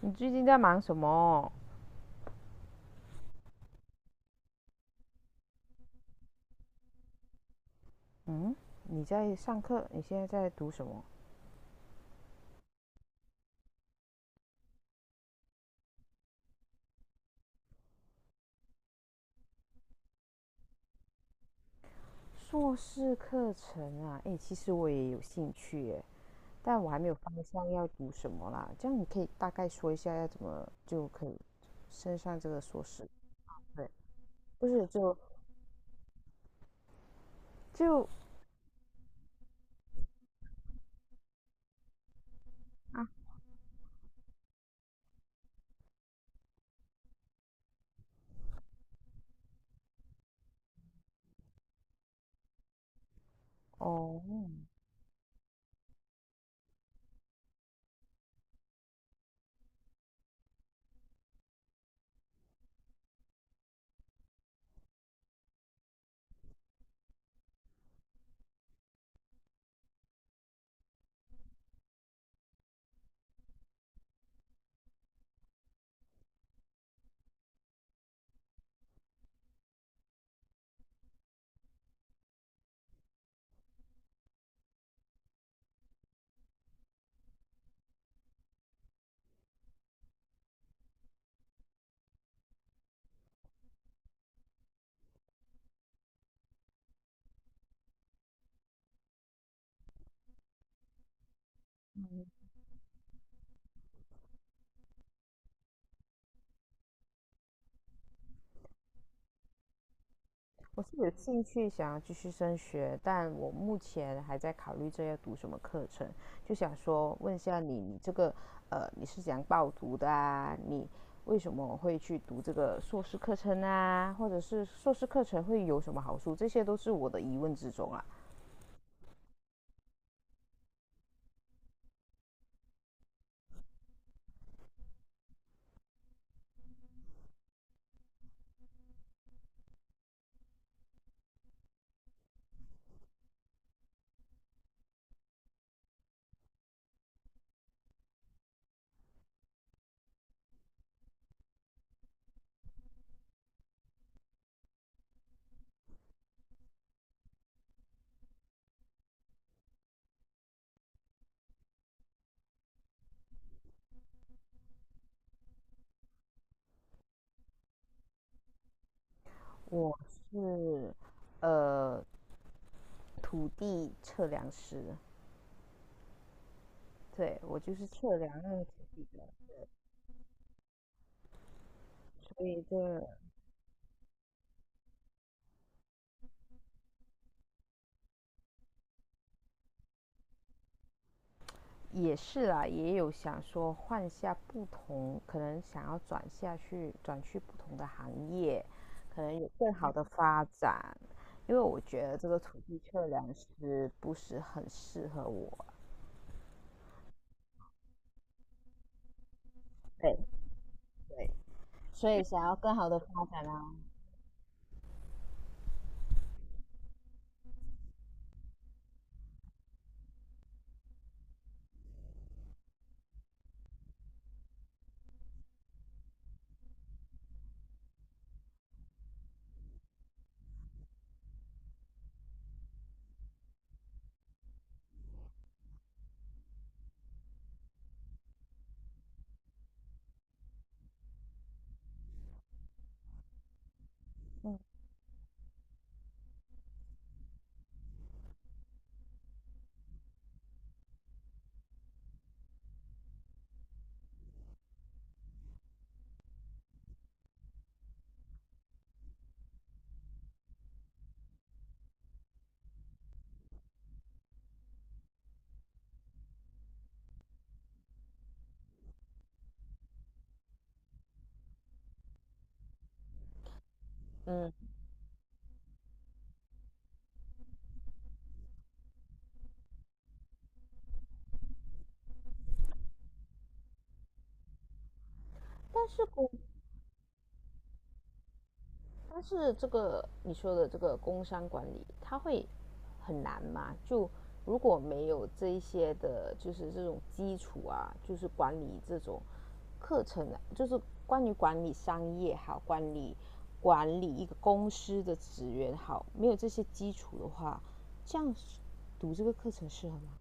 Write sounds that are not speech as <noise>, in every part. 你最近在忙什么？嗯，你在上课？你现在在读什么？硕士课程啊？诶，其实我也有兴趣耶，但我还没有方向要读什么啦。这样你可以大概说一下要怎么就可以升上这个硕士？对，不是就就啊哦，我是有兴趣想要继续升学，但我目前还在考虑这要读什么课程，就想说问一下你，你这个你是怎样报读的啊？你为什么会去读这个硕士课程啊？或者是硕士课程会有什么好处？这些都是我的疑问之中啊。我是呃土地测量师，对，我就是测量那个土地的，所以这也是啦，也有想说换下不同，可能想要转下去，转去不同的行业，可能有更好的发展。因为我觉得这个土地测量师不是很适合我，对对，所以想要更好的发展啊，嗯嗯。但是国但是这个你说的这个工商管理，它会很难吗？就如果没有这一些的，就是这种基础啊，就是管理这种课程啊，就是关于管理商业好，管理一个公司的职员好，没有这些基础的话，这样读这个课程适合吗？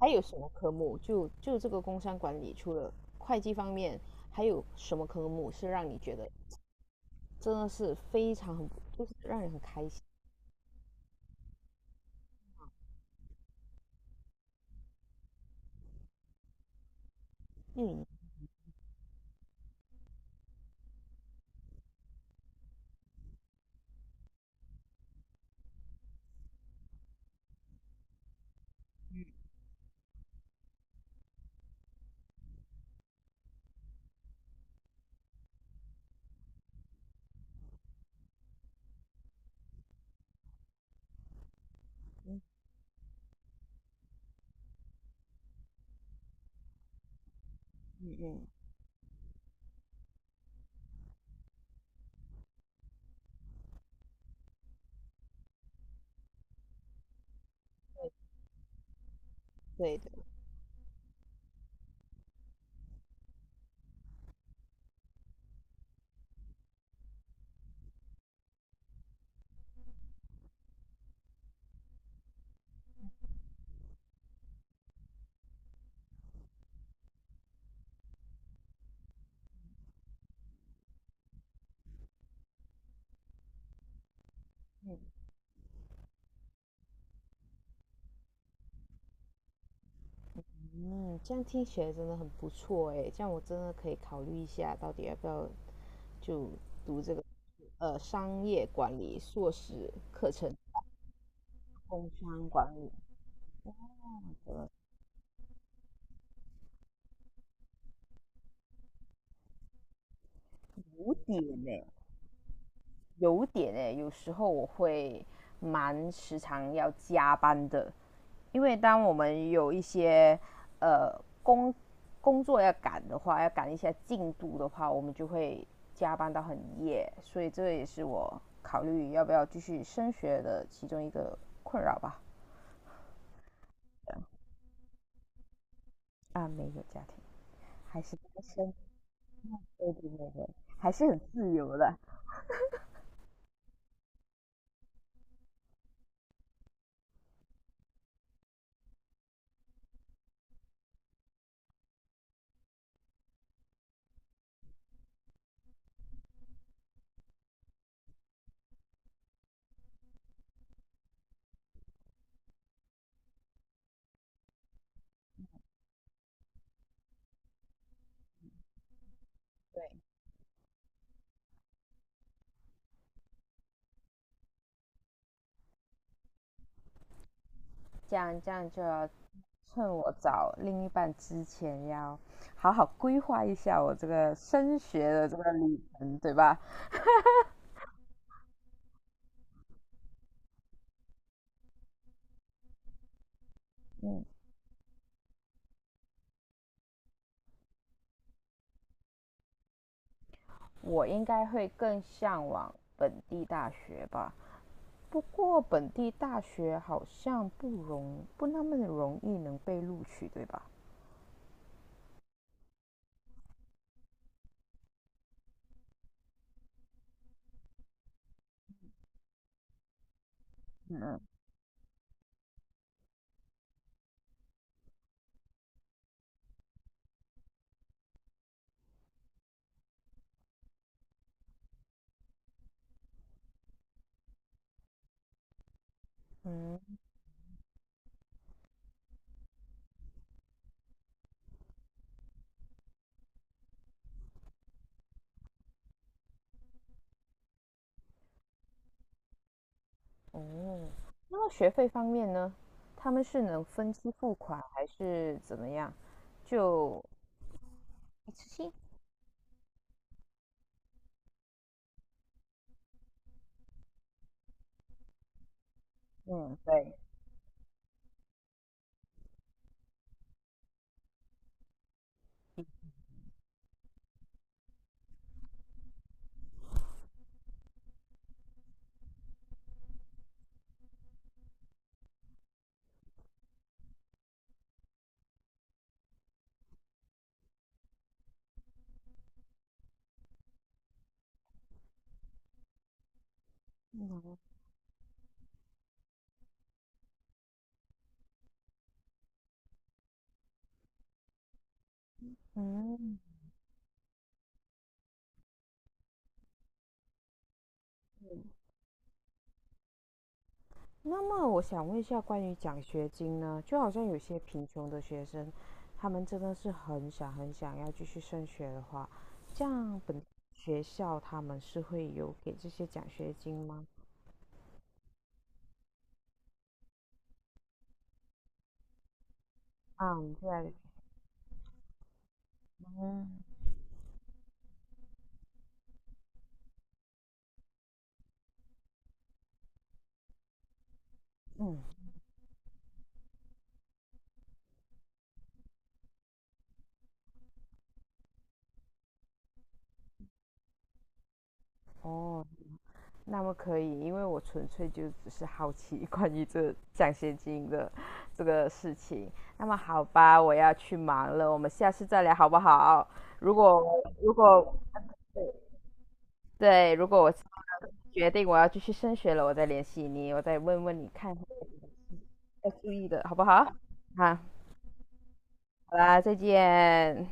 还有什么科目？就就这个工商管理，除了会计方面，还有什么科目是让你觉得真的是非常很，就是让人很开心。嗯，对的，嗯，这样听起来真的很不错诶，这样我真的可以考虑一下，到底要不要就呃商业管理硕士课程，工商管理五点呢。有点诶、欸有时候我会蛮时常要加班的，因为当我们有一些呃工工作要赶的话，要赶一下进度的话，我们就会加班到很夜，所以这也是我考虑要不要继续升学的其中一个困扰吧。啊，没有家庭，还是单身，对对对对，还是很自由的。对，这样就要趁我找另一半之前，要好好规划一下我这个升学的这个旅程，对吧？嗯，我应该会更向往本地大学吧。不过本地大学好像不那么容易能被录取，对吧？嗯，哦，那么学费方面呢？他们是能分期付款还是怎么样？就一次性？嗯，对，嗯，那么我想问一下，关于奖学金呢？就好像有些贫穷的学生，他们真的是很想要继续升学的话，这样本学校他们是会有给这些奖学金吗？啊，你在哦，那么可以，因为我纯粹就只是好奇 <laughs> 关于这奖学金的这个事情。那么好吧，我要去忙了，我们下次再聊好不好？如果如果对，如果我决定我要继续升学了，我再联系你，我再问问你看要注意的好不好？好，好啦，再见。